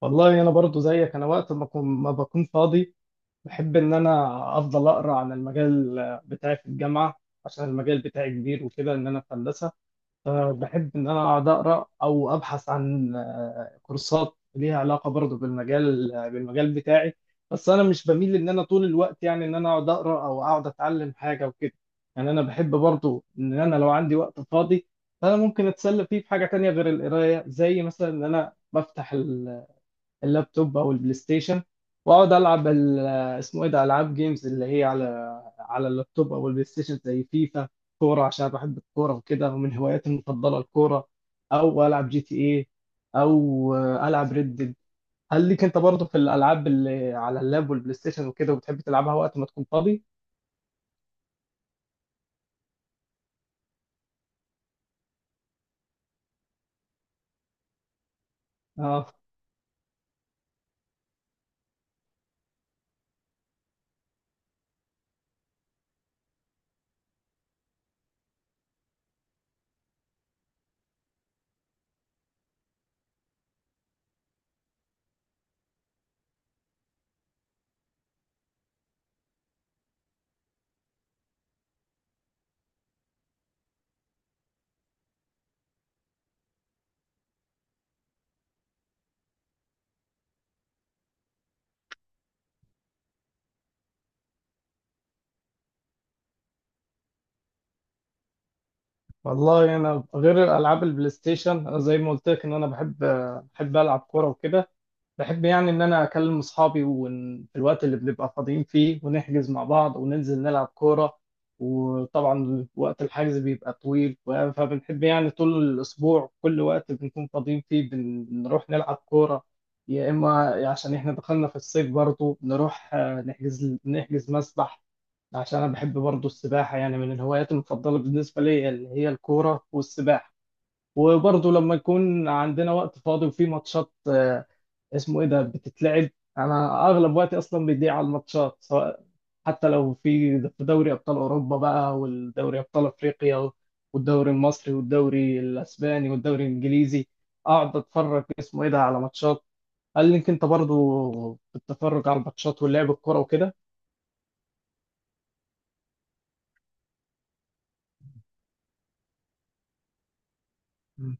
والله انا برضو زيك، انا وقت ما ما بكون فاضي بحب ان انا افضل اقرا عن المجال بتاعي في الجامعه، عشان المجال بتاعي كبير وكده، ان انا في هندسه. فبحب ان انا اقعد اقرا او ابحث عن كورسات ليها علاقه برضو بالمجال بتاعي. بس انا مش بميل ان انا طول الوقت يعني ان انا اقعد اقرا او اقعد اتعلم حاجه وكده. يعني انا بحب برضو ان انا لو عندي وقت فاضي، فانا ممكن اتسلى فيه في حاجه تانية غير القرايه، زي مثلا ان انا بفتح اللابتوب او البلاي ستيشن واقعد العب اسمه ايه ده، العاب جيمز اللي هي على على اللابتوب او البلاي ستيشن، زي فيفا كوره، عشان بحب الكوره وكده، ومن هواياتي المفضله الكوره، او العب جي تي ايه، او العب ريد ديد. هل ليك انت برضه في الالعاب اللي على اللاب والبلاي ستيشن وكده، وبتحب تلعبها وقت ما تكون فاضي؟ اه. والله انا غير العاب البلاي ستيشن، زي ما قلت لك ان انا بحب العب كوره وكده. بحب يعني إن أنا أكلم أصحابي، وفي الوقت اللي بنبقى فاضيين فيه ونحجز مع بعض وننزل نلعب كورة. وطبعا وقت الحجز بيبقى طويل، فبنحب يعني طول الأسبوع، كل وقت بنكون فاضيين فيه بنروح نلعب كورة. يا إما عشان إحنا دخلنا في الصيف برضه نروح نحجز مسبح، عشان أنا بحب برضه السباحة. يعني من الهوايات المفضلة بالنسبة لي اللي هي الكورة والسباحة. وبرضه لما يكون عندنا وقت فاضي وفي ماتشات اسمه ايه ده بتتلعب، انا اغلب وقتي اصلا بيضيع على الماتشات، سواء حتى لو في دوري ابطال اوروبا بقى، والدوري ابطال افريقيا، والدوري المصري، والدوري الاسباني، والدوري الانجليزي. اقعد اتفرج اسمه ايه ده على ماتشات. هل لك انت برضو بتتفرج على الماتشات ولعب الكوره وكده؟ مم.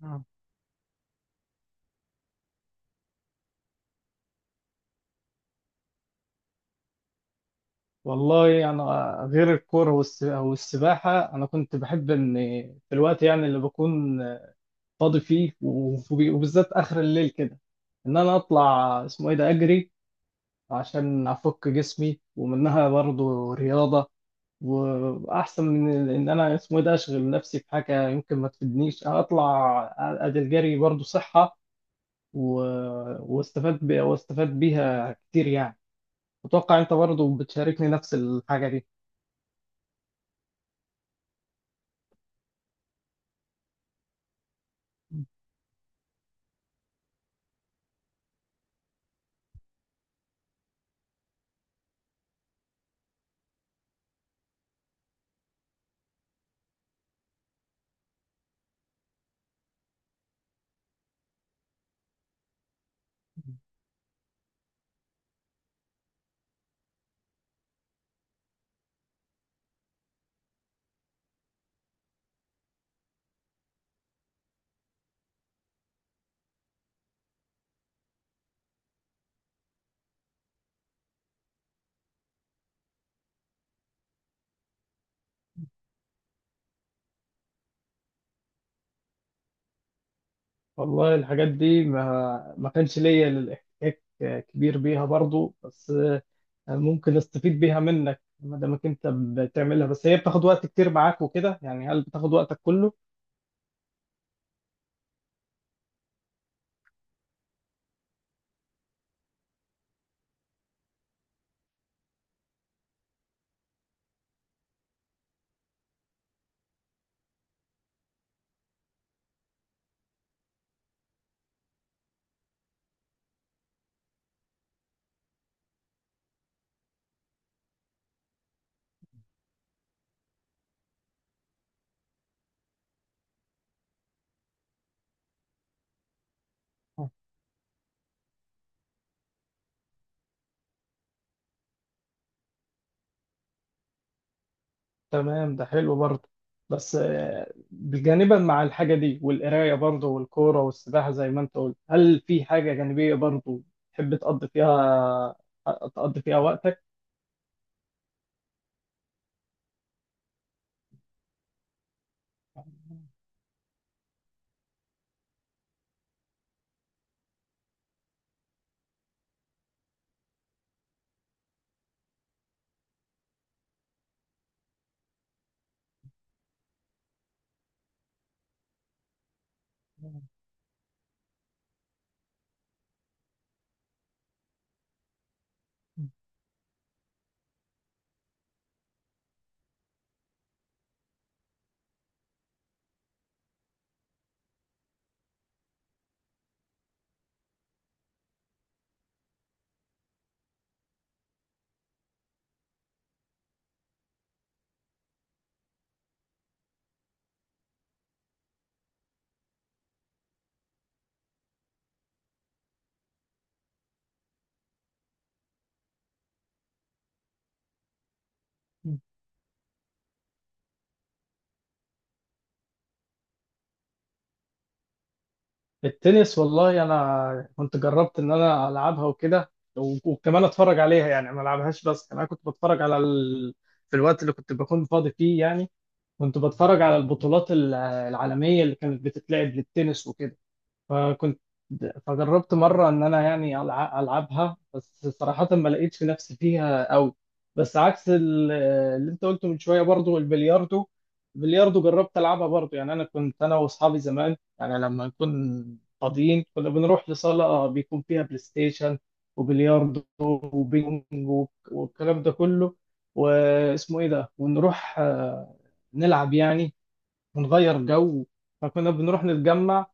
نعم. والله انا غير الكوره والسباحه انا كنت بحب ان في الوقت يعني اللي بكون فاضي فيه وبالذات اخر الليل كده، ان انا اطلع اسمه ايه ده اجري، عشان افك جسمي، ومنها برضه رياضه، واحسن من ان انا اسمه ايه ده اشغل نفسي في حاجه يمكن ما تفيدنيش. انا اطلع ادي الجري برضه صحه، و... واستفاد بيها كتير يعني. اتوقع انت برضه بتشاركني نفس الحاجه دي. والله الحاجات دي ما كانش ليا الاحتكاك كبير بيها برضو، بس ممكن استفيد بيها منك ما دامك انت بتعملها. بس هي بتاخد وقت كتير معاك وكده يعني، هل بتاخد وقتك كله؟ آه، تمام، ده حلو برضه. بس جانبا مع الحاجة دي والقراية برضه والكورة والسباحة زي ما انت قلت، هل في حاجة جانبية برضه تحب تقضي فيها وقتك؟ التنس، والله انا كنت جربت ان انا العبها وكده، وكمان اتفرج عليها، يعني ما العبهاش، بس انا كنت بتفرج على في الوقت اللي كنت بكون فاضي فيه يعني، كنت بتفرج على البطولات العالمية اللي كانت بتتلعب للتنس وكده. فكنت فجربت مرة إن أنا يعني ألعبها، بس صراحة ما لقيتش في نفسي فيها أوي. بس عكس اللي أنت قلته من شوية برضو، البلياردو، البلياردو جربت ألعبها برضو. يعني أنا كنت أنا وأصحابي زمان، يعني لما نكون فاضيين كنا بنروح لصالة بيكون فيها بلاي ستيشن وبلياردو وبينج والكلام ده كله، واسمه إيه ده ونروح نلعب يعني ونغير جو. فكنا بنروح نتجمع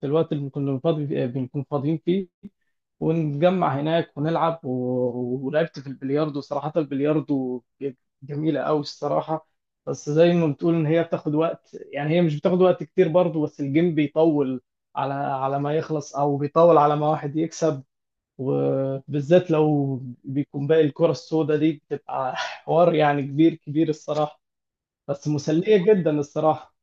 في الوقت اللي كنا فاضي فيه، بنكون فاضيين فيه، ونتجمع هناك ونلعب، ولعبت في البلياردو، صراحة البلياردو جميلة أوي الصراحة. بس زي ما بتقول إن هي بتاخد وقت، يعني هي مش بتاخد وقت كتير برضه، بس الجيم بيطول على على ما يخلص، أو بيطول على ما واحد يكسب. وبالذات لو بيكون باقي الكرة السوداء دي بتبقى حوار يعني كبير كبير الصراحة. بس مسلية جدا الصراحة.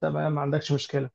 تمام، ما عندكش مشكلة.